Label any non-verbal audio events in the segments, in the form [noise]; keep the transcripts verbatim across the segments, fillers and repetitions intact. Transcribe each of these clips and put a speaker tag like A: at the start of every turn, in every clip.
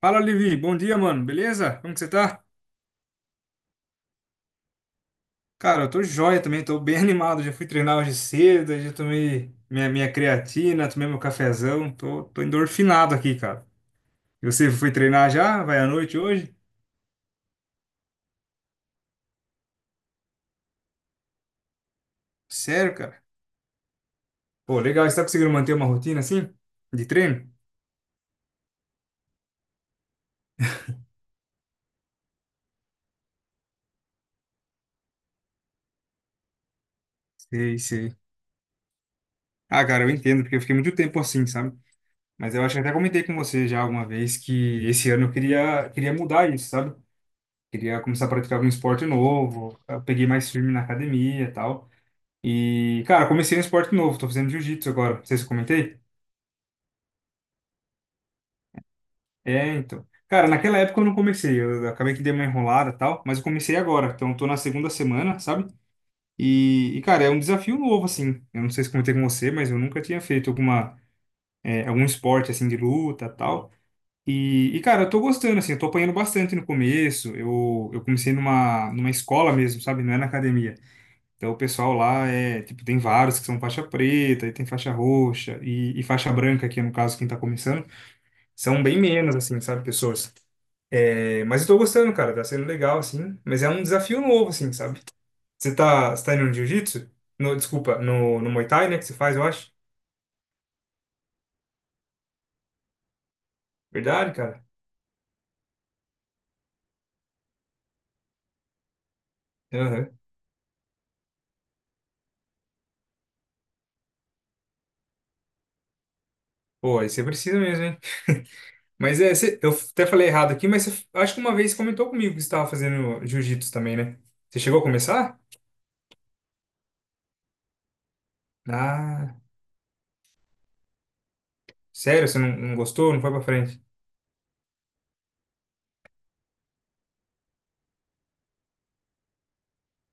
A: Fala, Levi. Bom dia, mano. Beleza? Como que você tá? Cara, eu tô joia também, tô bem [laughs] animado. Já fui treinar hoje cedo, já tomei minha, minha creatina, tomei meu cafezão. Tô, tô endorfinado aqui, cara. E você foi treinar já? Vai à noite hoje? Sério, cara? Pô, legal. Você tá conseguindo manter uma rotina assim? De treino? Sei, sei. Ah, cara, eu entendo, porque eu fiquei muito tempo assim, sabe? Mas eu acho que até comentei com você já alguma vez que esse ano eu queria, queria mudar isso, sabe? Queria começar a praticar algum esporte novo. Eu peguei mais firme na academia e tal. E, cara, eu comecei um esporte novo, tô fazendo jiu-jitsu agora. Não sei se eu comentei. É, então. Cara, naquela época eu não comecei, eu acabei que dei uma enrolada e tal, mas eu comecei agora, então eu tô na segunda semana, sabe? E, e, cara, é um desafio novo, assim. Eu não sei se comentei com você, mas eu nunca tinha feito alguma, é, algum esporte, assim, de luta e tal. E, e, cara, eu tô gostando, assim, eu tô apanhando bastante no começo. Eu, eu comecei numa, numa escola mesmo, sabe? Não é na academia. Então, o pessoal lá é, tipo, tem vários que são faixa preta, e tem faixa roxa, e, e faixa branca, que é, no caso, quem tá começando, são bem menos, assim, sabe, pessoas. É, mas eu tô gostando, cara, tá sendo legal, assim, mas é um desafio novo, assim, sabe? Você tá, você tá indo no jiu-jitsu? No, desculpa, no, no Muay Thai, né, que você faz, eu acho. Verdade, cara. Aham. Pô, aí você precisa mesmo, hein? [laughs] Mas é, você- eu até falei errado aqui, mas você, acho que uma vez comentou comigo que você estava fazendo jiu-jitsu também, né? Você chegou a começar? Ah, sério, você não, não gostou? Não foi pra frente?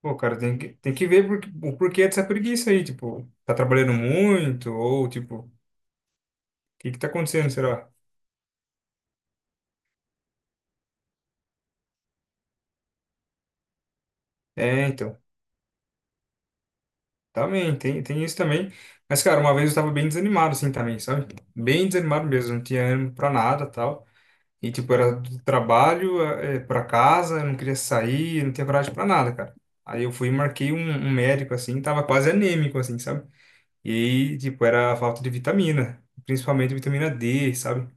A: Pô, cara, tem que, tem que ver por- o porquê dessa preguiça aí, tipo, tá trabalhando muito, ou tipo, o que que tá acontecendo, será? É, então, também, tem, tem isso também. Mas, cara, uma vez eu tava bem desanimado, assim, também, sabe? Bem desanimado mesmo, não tinha ânimo pra nada, tal. E, tipo, era do trabalho, é, pra casa, eu não queria sair, eu não tinha coragem pra nada, cara. Aí eu fui e marquei um, um médico, assim, tava quase anêmico, assim, sabe? E aí, tipo, era a falta de vitamina, principalmente vitamina D, sabe?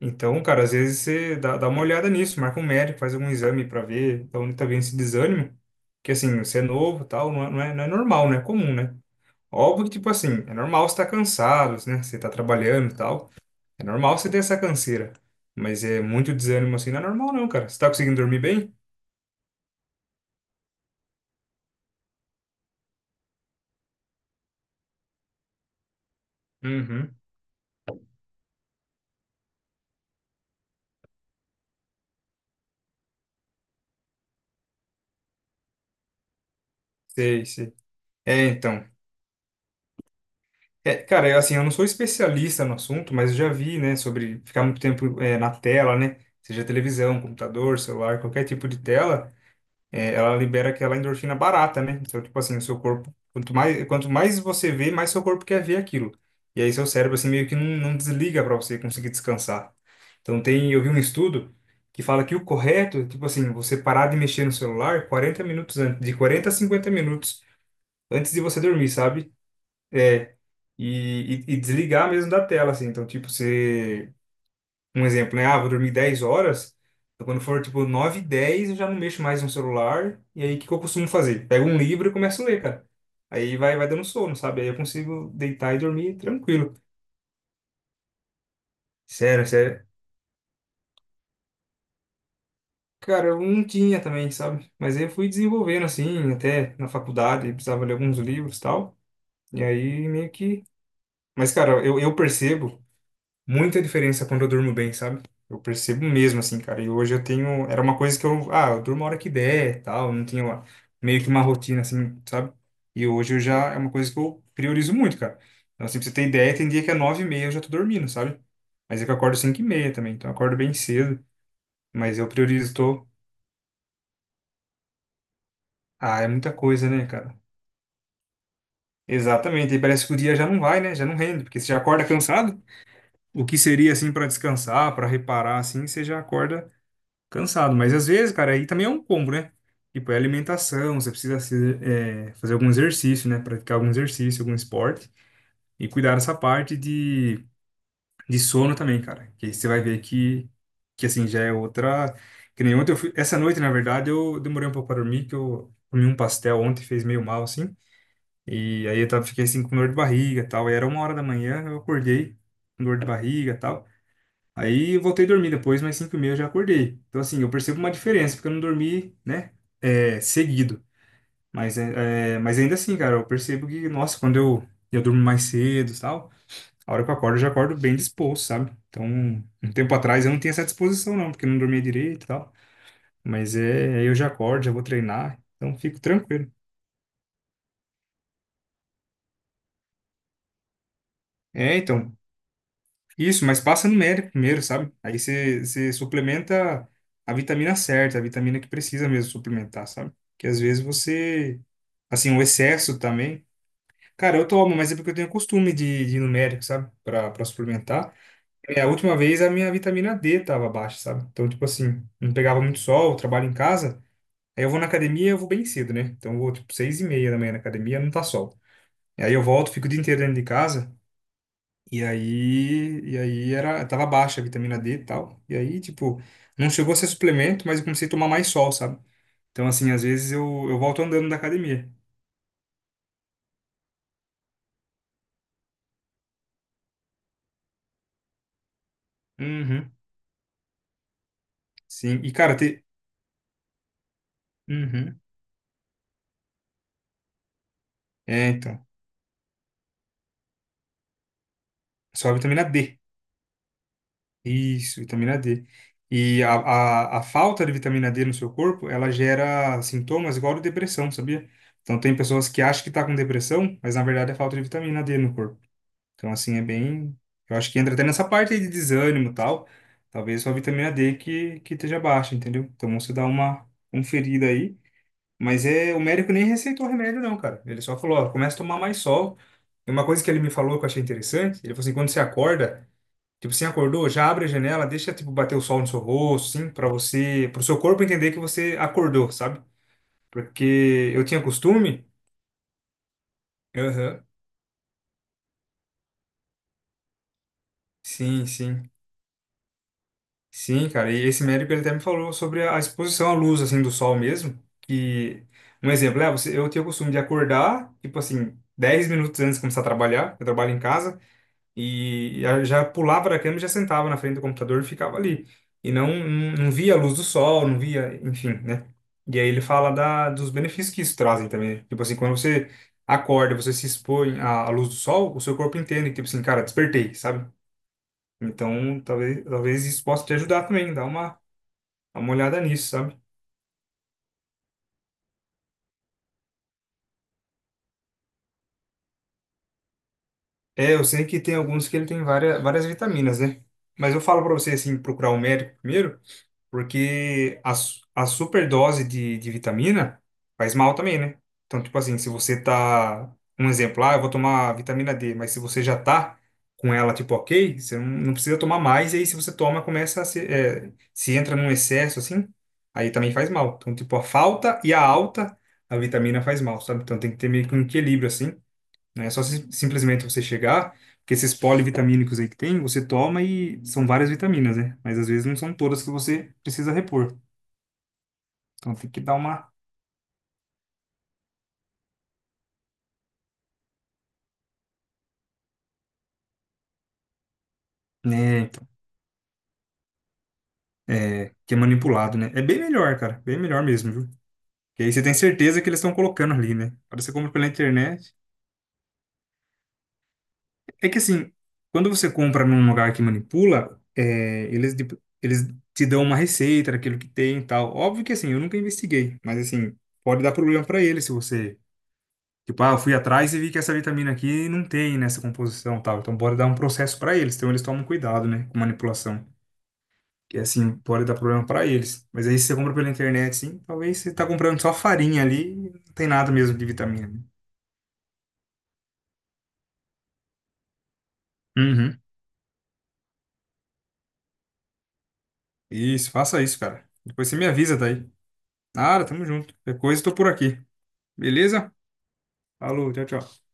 A: Então, cara, às vezes você dá, dá uma olhada nisso, marca um médico, faz algum exame pra ver da onde tá vindo esse desânimo. Que assim, você é novo e tal, não é, não é, não é normal, não é comum, né? Óbvio que, tipo assim, é normal você estar cansado, né? Você tá trabalhando e tal. É normal você ter essa canseira. Mas é muito desânimo assim, não é normal não, cara. Você tá conseguindo dormir bem? Uhum. Sei, sei. É, então. É, cara, eu, assim, eu não sou especialista no assunto, mas eu já vi, né, sobre ficar muito tempo, é, na tela, né? Seja televisão, computador, celular, qualquer tipo de tela. É, ela libera aquela endorfina barata, né? Então, tipo assim, o seu corpo, quanto mais, quanto mais você vê, mais seu corpo quer ver aquilo. E aí seu cérebro, assim, meio que não, não desliga para você conseguir descansar. Então, tem, eu vi um estudo que fala que o correto, é, tipo assim, você parar de mexer no celular quarenta minutos antes, de quarenta a cinquenta minutos antes de você dormir, sabe? É, e, e, e desligar mesmo da tela, assim. Então, tipo, você um exemplo, né? Ah, vou dormir dez horas. Então, quando for tipo nove e dez, eu já não mexo mais no celular. E aí, o que que eu costumo fazer? Pego um livro e começo a ler, cara. Aí vai, vai dando sono, sabe? Aí eu consigo deitar e dormir tranquilo. Sério, sério. Cara, eu não tinha também, sabe? Mas aí eu fui desenvolvendo assim, até na faculdade, precisava ler alguns livros e tal. E aí meio que. Mas, cara, eu, eu percebo muita diferença quando eu durmo bem, sabe? Eu percebo mesmo, assim, cara. E hoje eu tenho. Era uma coisa que eu. Ah, eu durmo a hora que der, tal. Não tinha uma- meio que uma rotina, assim, sabe? E hoje eu já. É uma coisa que eu priorizo muito, cara. Então, assim, pra você ter ideia, tem dia que é nove e meia eu já tô dormindo, sabe? Mas é que eu acordo cinco e meia também. Então eu acordo bem cedo. Mas eu priorizo. Tô... Ah, é muita coisa, né, cara? Exatamente. E parece que o dia já não vai, né? Já não rende. Porque você já acorda cansado. O que seria, assim, pra descansar, pra reparar, assim, você já acorda. Cansado, mas às vezes, cara, aí também é um combo, né? Tipo, é alimentação, você precisa se- é, fazer algum exercício, né? Praticar algum exercício, algum esporte. E cuidar dessa parte de, de sono também, cara. Que aí você vai ver que, que assim, já é outra. Que nem ontem eu fui. Essa noite, na verdade, eu demorei um pouco para dormir, que eu comi um pastel ontem, fez meio mal, assim. E aí eu tava, fiquei assim com dor de barriga e tal. E era uma hora da manhã, eu acordei com dor de barriga e tal. Aí eu voltei a dormir depois, mas cinco e meia eu já acordei. Então, assim, eu percebo uma diferença, porque eu não dormi, né, é, seguido. Mas, é, é, mas ainda assim, cara, eu percebo que, nossa, quando eu, eu durmo mais cedo e tal, a hora que eu acordo, eu já acordo bem disposto, sabe? Então, um tempo atrás eu não tinha essa disposição, não, porque eu não dormia direito e tal. Mas é, aí eu já acordo, já vou treinar, então fico tranquilo. É, então, isso, mas passa numérico primeiro, sabe? Aí você você suplementa a vitamina certa, a vitamina que precisa mesmo suplementar, sabe? Que às vezes você, assim, o excesso também. Cara, eu tomo, mas é porque eu tenho costume de, de numérico, sabe? Pra, pra suplementar. É a última vez a minha vitamina D tava baixa, sabe? Então, tipo assim, não pegava muito sol, eu trabalho em casa. Aí eu vou na academia, eu vou bem cedo, né? Então eu vou, tipo, seis e meia da manhã na academia, não tá sol. Aí eu volto, fico o dia inteiro dentro de casa. E aí, e aí era, tava baixa a vitamina D e tal. E aí, tipo, não chegou a ser suplemento, mas eu comecei a tomar mais sol, sabe? Então, assim, às vezes eu, eu volto andando da academia. Uhum. Sim. E, cara, te... Uhum. É, então. Só a vitamina D. Isso, vitamina D. E a, a, a falta de vitamina D no seu corpo, ela gera sintomas igual a de depressão, sabia? Então, tem pessoas que acham que tá com depressão, mas na verdade é falta de vitamina D no corpo. Então, assim, é bem. Eu acho que entra até nessa parte aí de desânimo e tal. Talvez sua vitamina D que, que esteja baixa, entendeu? Então, você dá uma conferida aí. Mas é, o médico nem receitou remédio, não, cara. Ele só falou, ó, começa a tomar mais sol. E uma coisa que ele me falou que eu achei interessante, ele falou assim, quando você acorda, tipo, você acordou, já abre a janela, deixa, tipo, bater o sol no seu rosto, assim, pra você, pro seu corpo entender que você acordou, sabe? Porque eu tinha costume. Aham. Sim, sim. Sim, cara, e esse médico ele até me falou sobre a exposição à luz, assim, do sol mesmo, que, um exemplo, é, você, eu tenho o costume de acordar, tipo assim, dez minutos antes de começar a trabalhar, eu trabalho em casa, e já já pulava da cama e já sentava na frente do computador e ficava ali, e não, não, não via a luz do sol, não via, enfim, né? E aí ele fala da, dos benefícios que isso trazem também, né. Tipo assim, quando você acorda, você se expõe à, à luz do sol, o seu corpo entende, que, tipo assim, cara, despertei, sabe? Então, talvez, talvez isso possa te ajudar também, dar uma Dá uma olhada nisso, sabe? É, eu sei que tem alguns que ele tem várias, várias vitaminas, né? Mas eu falo pra você, assim, procurar um médico primeiro, porque a, su- a superdose de, de vitamina faz mal também, né? Então, tipo assim, se você tá... Um exemplo, ah, eu vou tomar vitamina D, mas se você já tá com ela, tipo, ok, você não, não precisa tomar mais, e aí se você toma, começa a se... é, se entra num excesso, assim, aí também faz mal. Então, tipo, a falta e a alta, a vitamina faz mal, sabe? Então tem que ter meio que um equilíbrio, assim. Não é só si- simplesmente você chegar, porque esses polivitamínicos aí que tem, você toma e são várias vitaminas, né? Mas às vezes não são todas que você precisa repor. Então tem que dar uma, né, então, é, que é manipulado, né? É bem melhor, cara, bem melhor mesmo, viu? Porque aí você tem certeza que eles estão colocando ali, né? Quando você compra pela internet, é que assim, quando você compra num lugar que manipula, é, eles de- eles te dão uma receita daquilo que tem e tal. Óbvio que assim, eu nunca investiguei, mas assim, pode dar problema para eles se você. Tipo, ah, eu fui atrás e vi que essa vitamina aqui não tem nessa composição, e tal. Então bora dar um processo para eles. Então eles tomam cuidado, né, com manipulação. Que assim pode dar problema para eles. Mas aí se você compra pela internet, sim, talvez você tá comprando só farinha ali, e não tem nada mesmo de vitamina, né? Uhum. Isso, faça isso, cara. Depois você me avisa daí. Nada, tamo junto. Qualquer coisa, tô por aqui. Beleza? Falou, tchau, tchau.